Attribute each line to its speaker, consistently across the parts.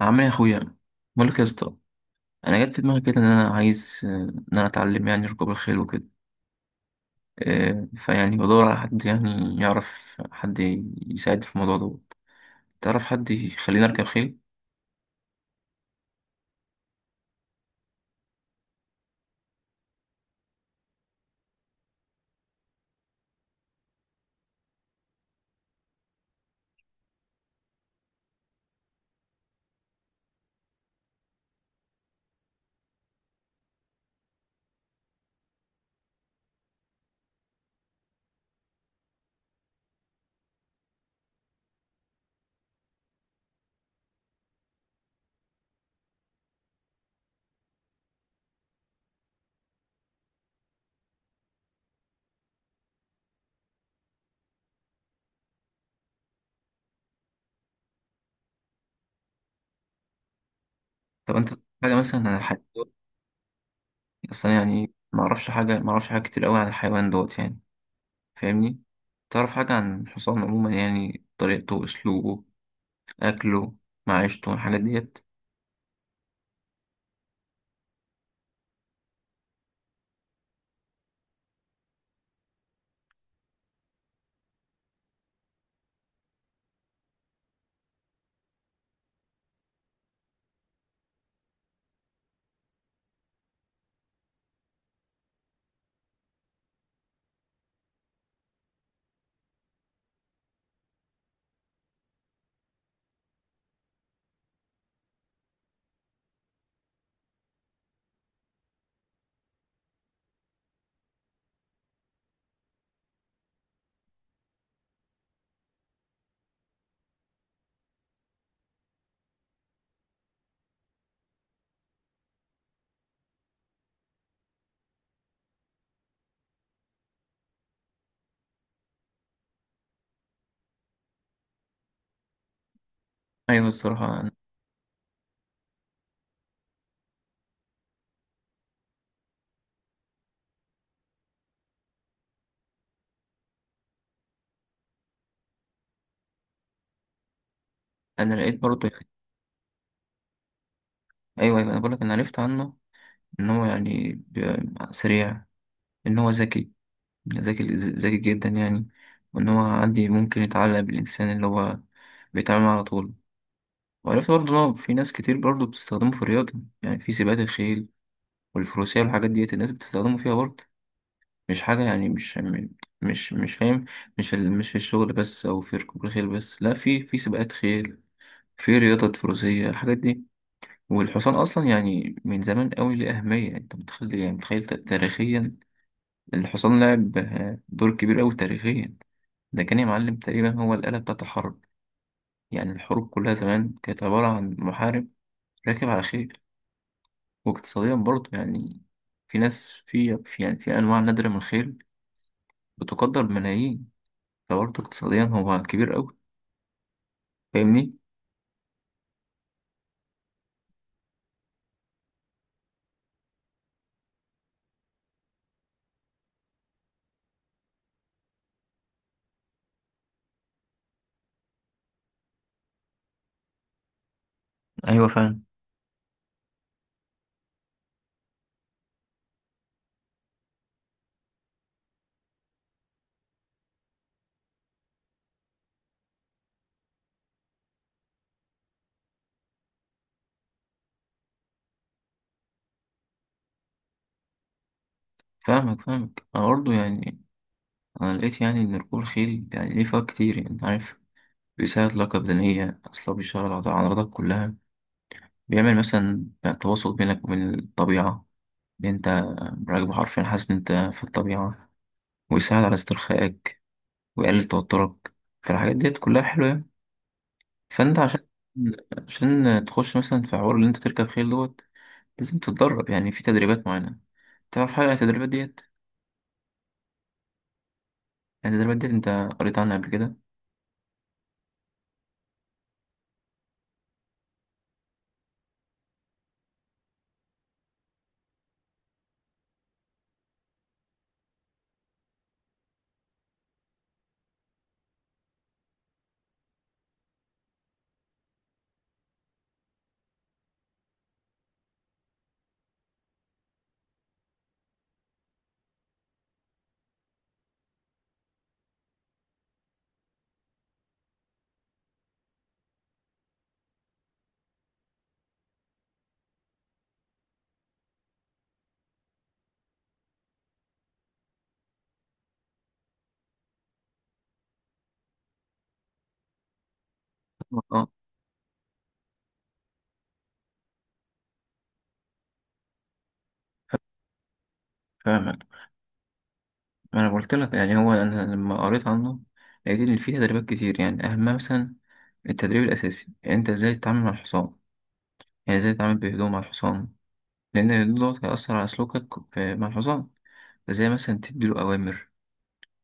Speaker 1: عامل ايه يا اخويا؟ بقول لك يا اسطى، انا جت في دماغي كده ان انا عايز ان انا اتعلم يعني ركوب الخيل وكده. فيعني بدور على حد يعني يعرف حد يساعدني في الموضوع دوت. تعرف حد يخليني اركب خيل؟ طب انت حاجه مثلا عن الحيوان دوت؟ اصل أنا يعني ما اعرفش حاجه ما اعرفش حاجه كتير قوي عن الحيوان دوت يعني. فاهمني؟ تعرف حاجه عن الحصان عموما؟ يعني طريقته، اسلوبه، اكله، معيشته، الحاجات ديت. ايوه، الصراحه انا أنا لقيت برضه يعني. ايوه ايوه، انا بقول لك انا عرفت عنه ان هو يعني سريع، ان هو ذكي، ذكي جدا يعني. وان هو عندي ممكن يتعلق بالانسان اللي هو بيتعامل معاه على طول. وعرفت برضه ان هو في ناس كتير برضه بتستخدمه في الرياضة، يعني في سباقات الخيل والفروسية والحاجات ديت الناس بتستخدمه فيها برضه. مش حاجة يعني، مش فاهم، مش في الشغل بس او في ركوب الخيل بس، لا، في سباقات خيل، في رياضة فروسية، الحاجات دي. والحصان أصلا يعني من زمان قوي ليه أهمية. أنت متخيل يعني متخيل تاريخيا؟ الحصان لعب دور كبير أوي تاريخيا. ده كان يا معلم تقريبا هو الآلة بتاعة الحرب. يعني الحروب كلها زمان كانت عبارة عن محارب راكب على خيل. واقتصاديا برضه يعني في ناس يعني في أنواع نادرة من الخيل بتقدر بملايين. فبرضه اقتصاديا هو كبير أوي. فاهمني؟ ايوه، فاهم. فاهمك فاهمك. أنا برضه يعني أنا لقيت يعني إن ركوب الخيل يعني ليه فوائد كتير يعني، أنت عارف، بيساعد الطاقة البدنية، أصلا بيشتغل على العضلات كلها، بيعمل مثلا يعني تواصل بينك وبين الطبيعة، إن انت راكب حرفيا حاسس ان انت في الطبيعة، ويساعد على استرخائك، ويقلل توترك. فالحاجات ديت كلها حلوة يعني. فانت عشان عشان تخش مثلا في حوار اللي انت تركب خيل دوت، لازم تتدرب يعني في تدريبات معينة. تعرف حاجة عن التدريبات ديت؟ يعني التدريبات ديت انت قريت عنها قبل كده؟ اه، فاهمك. انا قلت لك يعني، هو انا لما قريت عنه لقيت ان في تدريبات كتير يعني اهمها مثلا التدريب الاساسي، يعني انت ازاي تتعامل مع الحصان، يعني ازاي تتعامل بهدوء مع الحصان، لأن ده هيأثر على سلوكك مع الحصان. زي مثلا تديله أوامر،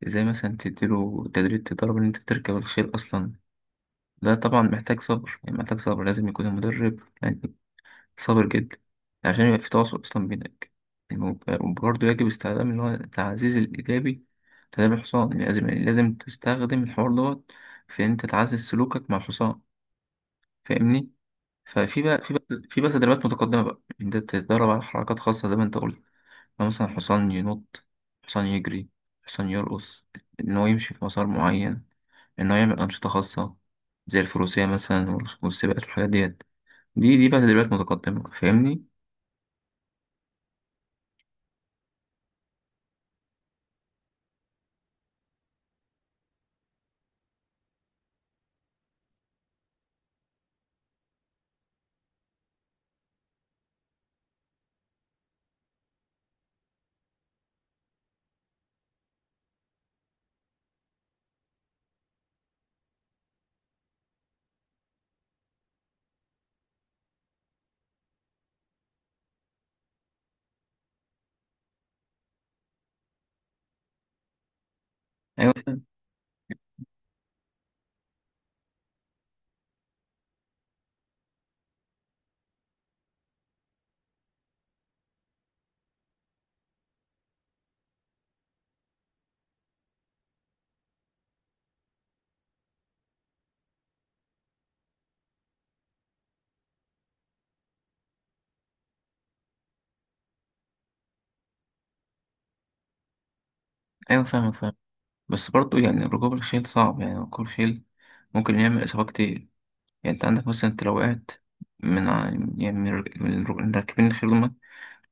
Speaker 1: زي مثلا تديله تدريب، تدرب إن أنت تركب الخيل أصلا. ده طبعا محتاج صبر، يعني محتاج صبر، لازم يكون المدرب يعني صابر جدا عشان يبقى في تواصل أصلا بينك. وبرضه يجب استخدام اللي هو التعزيز الإيجابي. تدريب الحصان يعني لازم، يعني لازم تستخدم الحوار دوت في إن أنت تعزز سلوكك مع الحصان. فاهمني؟ ففي بقى، في بقى تدريبات متقدمة بقى إن أنت تتدرب على حركات خاصة زي ما أنت قلت. لو مثلا حصان ينط، حصان يجري، حصان يرقص، إن هو يمشي في مسار معين، إن هو يعمل أنشطة خاصة زي الفروسية مثلا والسباقات والحاجات ديت. دي بقى تدريبات متقدمة. فاهمني؟ أيوة فاهم. أيوة فاهم فاهم. بس برضه يعني ركوب الخيل صعب، يعني ركوب الخيل ممكن يعمل إصابة كتير. يعني أنت عندك مثلا، أنت لو وقعت من ع- يعني من راكبين الخيل، هما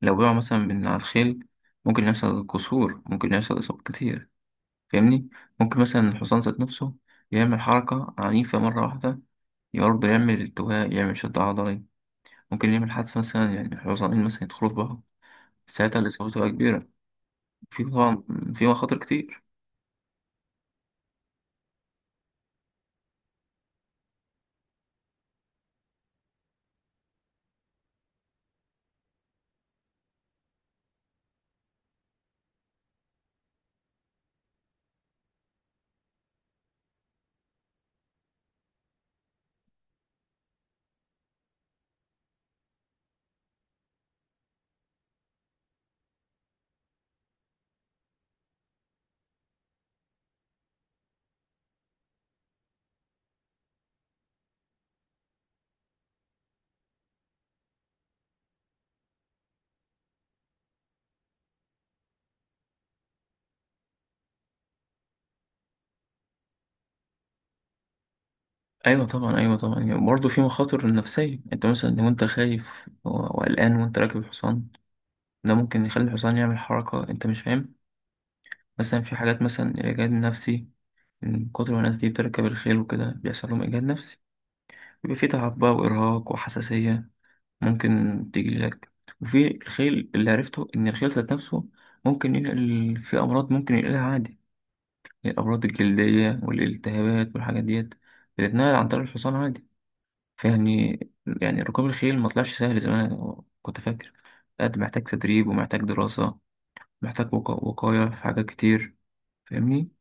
Speaker 1: لو وقعوا مثلا من على الخيل ممكن يحصل كسور، ممكن يحصل إصابات كتير. فاهمني؟ ممكن مثلا الحصان ذات نفسه يعمل حركة عنيفة مرة واحدة، برضه يعمل التواء، يعمل شد عضلي. ممكن يعمل حادثة مثلا، يعني الحصانين مثلا يدخلوا في بعض، ساعتها الإصابة تبقى كبيرة. في طبعا في مخاطر كتير. أيوة طبعا، أيوة طبعا. يعني برضه في مخاطر نفسية. أنت مثلا لو أنت خايف وقلقان وأنت راكب الحصان، ده ممكن يخلي الحصان يعمل حركة أنت مش فاهم. مثلا في حاجات مثلا الإجهاد النفسي، من كتر ما الناس دي بتركب الخيل وكده بيحصل لهم إجهاد نفسي، بيبقى في تعب بقى وإرهاق وحساسية ممكن تيجي لك. وفي الخيل اللي عرفته إن الخيل ذات نفسه ممكن ينقل في أمراض، ممكن ينقلها عادي. الأمراض الجلدية والالتهابات والحاجات ديت بتتنقل عن طريق الحصان عادي. فيعني يعني ركوب الخيل ما طلعش سهل زي ما أنا كنت فاكر. قد محتاج تدريب، ومحتاج دراسة، محتاج وقاية في حاجات كتير. فاهمني؟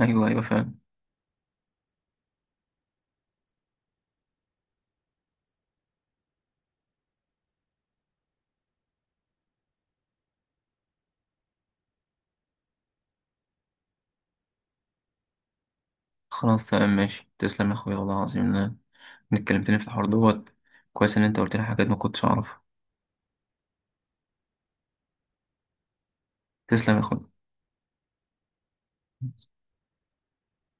Speaker 1: أيوه أيوه فاهم. خلاص تمام ماشي، تسلم يا أخويا، والله العظيم إن إنك كلمتني في الحوار دوت كويس، إن أنت قلت لي حاجات ما كنتش أعرفها. تسلم يا أخويا.